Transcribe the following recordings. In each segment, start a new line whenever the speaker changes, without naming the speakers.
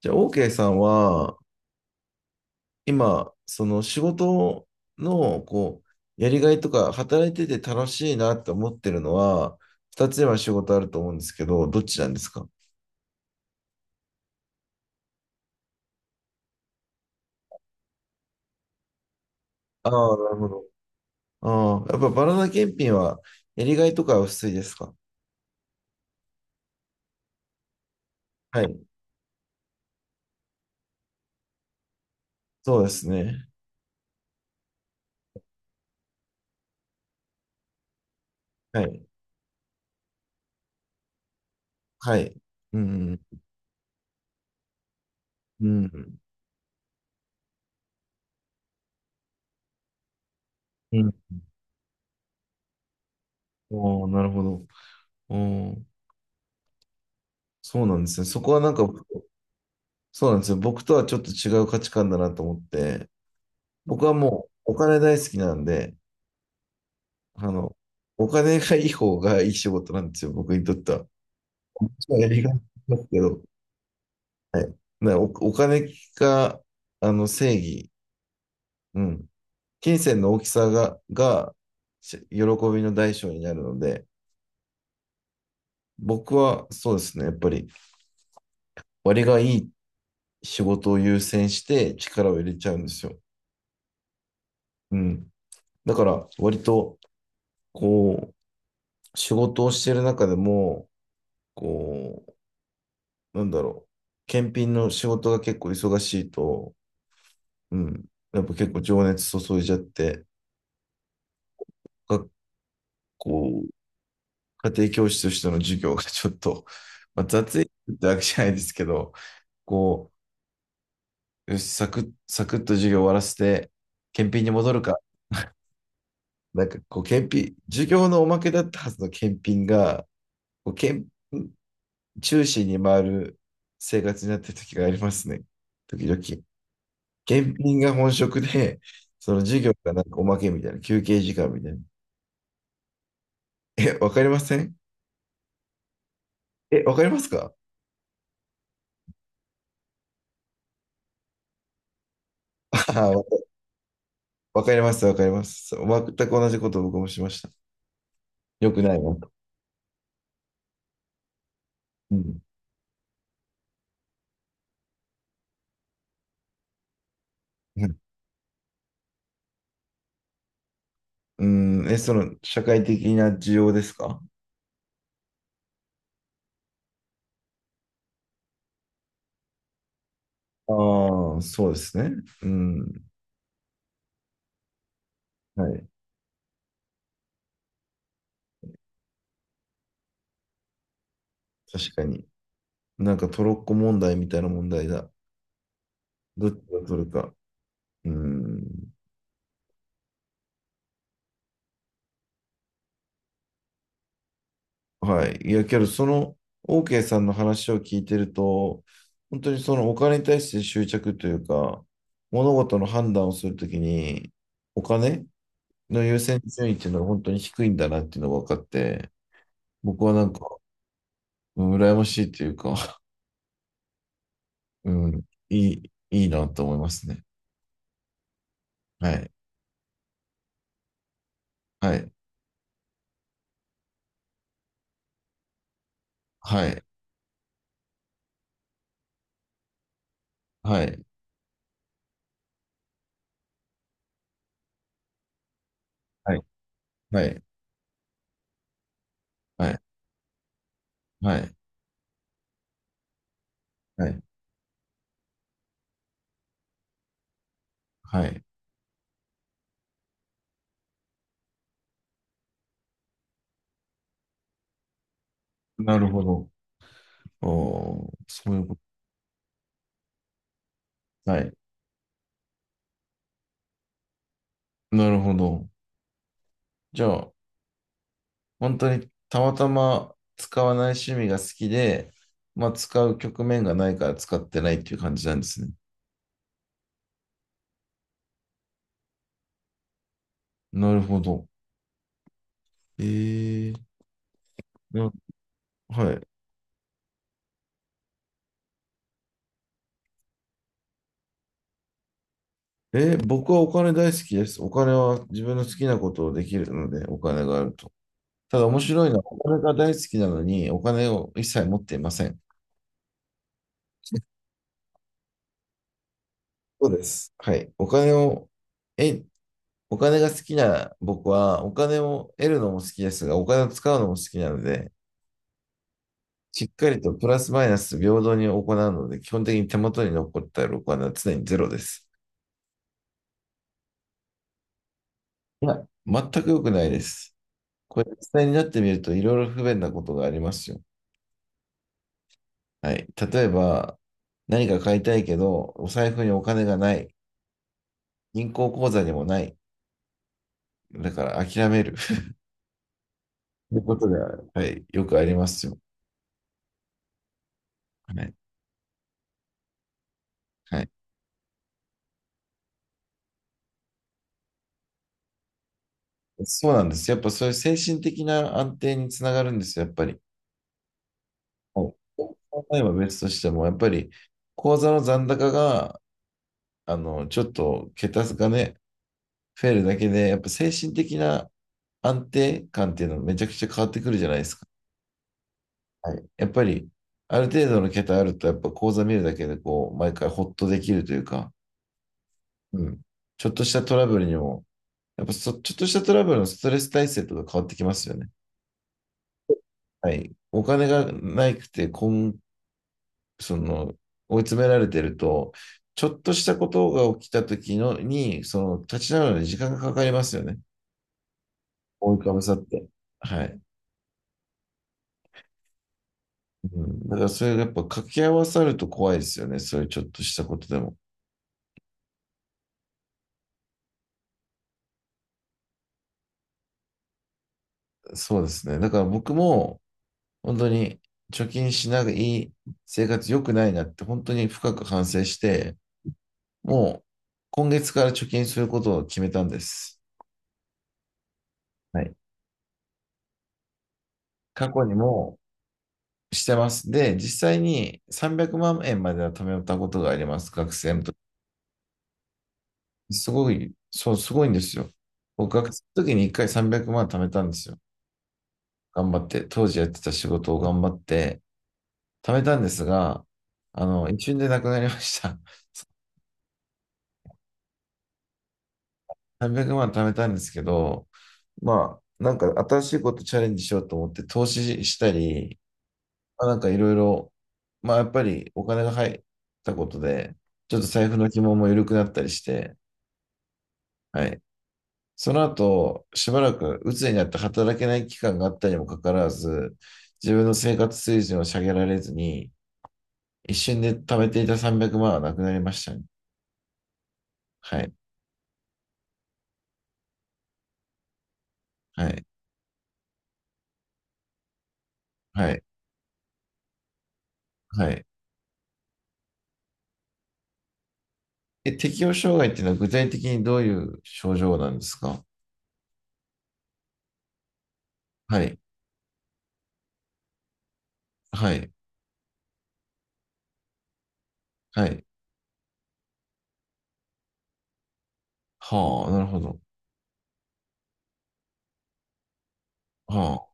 じゃあ、OK さんは、今、その仕事の、やりがいとか、働いてて楽しいなって思ってるのは、二つ今仕事あると思うんですけど、どっちなんですか？ああー、なるほど。ああ、やっぱバナナ検品は、やりがいとかは薄いですか？はい。そうですね。はい。はい。うん。うん。うん。おお、なるほど。おお、そうなんですね。そこはなんか、そうなんですよ。僕とはちょっと違う価値観だなと思って、僕はもうお金大好きなんで、あの、お金がいい方がいい仕事なんですよ、僕にとっては。こっちはやりがいますけど、はい。だお、お金が、正義、うん。金銭の大きさが、が、し喜びの代償になるので、僕はそうですね、やっぱり割がいい仕事を優先して力を入れちゃうんですよ。うん。だから割と、こ仕事をしている中でも、こなんだろう、検品の仕事が結構忙しいと、うん、やっぱ結構情熱注いじゃって、学校、家庭教師としての授業が ちょっと、まあ、雑いってわけじゃないですけど、こよし、サクッ、サクッと授業終わらせて、検品に戻るか、なんかこう、検品、授業のおまけだったはずの検品が、こう検品中心に回る生活になってる時がありますね、時々。検品が本職で、その授業がなんかおまけみたいな、休憩時間みたいな。え、わかりません？え、わかりますか？ あわわかります、わかります。全く同じことを僕もしました。よくないなと。うん。うん、うんえ、その、社会的な需要ですか？ああー、そうですね。うん。はい。確かに。なんかトロッコ問題みたいな問題だ。どっちが取るか。うん。はい。いや、けど、その、OK さんの話を聞いてると、本当にそのお金に対して執着というか、物事の判断をするときに、お金の優先順位っていうのは本当に低いんだなっていうのが分かって、僕はなんか、うん羨ましいというか、うん、いい、いいなと思いますね。はい。はい。はい。はい。はい。はい。はい。はい。はい。はいなるほど。おー、そういうこと。はい。なるほど。じゃあ、本当にたまたま使わない趣味が好きで、まあ使う局面がないから使ってないっていう感じなんですね。なるほど。えー、なはい。え、僕はお金大好きです。お金は自分の好きなことをできるので、お金があると。ただ面白いのは、お金が大好きなのに、お金を一切持っていません。そうです。はい。お金を、え、お金が好きな僕は、お金を得るのも好きですが、お金を使うのも好きなので、しっかりとプラスマイナス平等に行うので、基本的に手元に残った録金は常にゼロです。いや、全く良くないです。これ、実際になってみると、いろいろ不便なことがありますよ。はい。例えば、何か買いたいけど、お財布にお金がない。銀行口座にもない。だから諦める。ということで、はい、よくありますよ。はい。はい。そうなんです。やっぱそういう精神的な安定につながるんですよ、やっぱり。はい。例えば別としても、やっぱり口座の残高が、ちょっと桁がね、増えるだけで、やっぱ精神的な安定感っていうのめちゃくちゃ変わってくるじゃないですか。はい。やっぱり、ある程度の桁あると、やっぱ口座見るだけで、こう、毎回ほっとできるというか、うん。ちょっとしたトラブルにも、やっぱそ、ちょっとしたトラブルのストレス耐性とか変わってきますよね。はい。お金がないくて、こん、その、追い詰められてると、ちょっとしたことが起きた時のに、その、立ち直るのに時間がかかりますよね。覆いかぶさって。はい。うん。だからそれがやっぱ掛け合わさると怖いですよね。そういうちょっとしたことでも。そうですね。だから僕も、本当に貯金しない生活良くないなって本当に深く反省して、もう今月から貯金することを決めたんです。はい。過去にもしてます。で、実際に300万円まんえんまでは貯めたことがあります、学生の時。すごい、そう、すごいんですよ。僕、学生の時に1回300万貯めたんですよ。頑張って、当時やってた仕事を頑張って貯めたんですが、一瞬でなくなりました。300万貯めたんですけど、まあ、なんか新しいことチャレンジしようと思って投資したり、まあ、なんかいろいろ、まあやっぱりお金が入ったことで、ちょっと財布の紐も緩くなったりして、はい。その後、しばらく鬱になって働けない期間があったにもかかわらず、自分の生活水準を下げられずに、一瞬で貯めていた300万はなくなりましたね。はい、はい、はい、はい。え、適応障害っていうのは具体的にどういう症状なんですか？はい、はい、はい。はあ、なるほど。は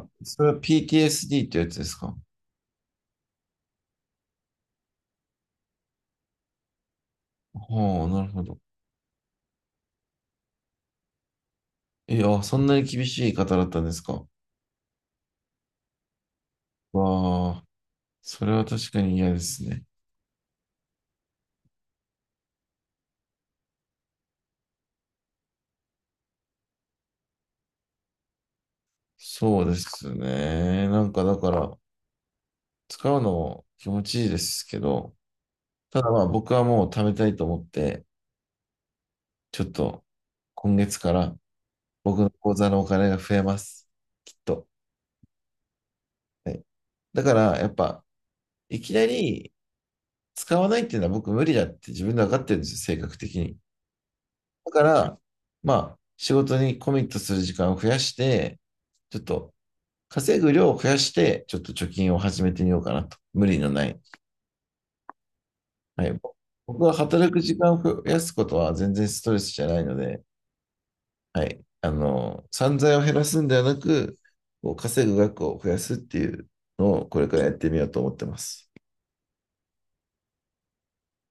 あ。それは PTSD ってやつですか？はあ、なるほど。いや、そんなに厳しい方だったんですか？わあ、それは確かに嫌ですね。そうですね。なんかだから、使うの気持ちいいですけど、ただまあ僕はもう貯めたいと思って、ちょっと今月から僕の口座のお金が増えます。きっと。はい。だからやっぱ、いきなり使わないっていうのは僕無理だって自分で分かってるんですよ、性格的に。だから、まあ仕事にコミットする時間を増やして、ちょっと稼ぐ量を増やして、ちょっと貯金を始めてみようかなと。無理のない。はい。僕は働く時間を増やすことは全然ストレスじゃないので、はい。散財を減らすんではなく、こう稼ぐ額を増やすっていうのをこれからやってみようと思ってます。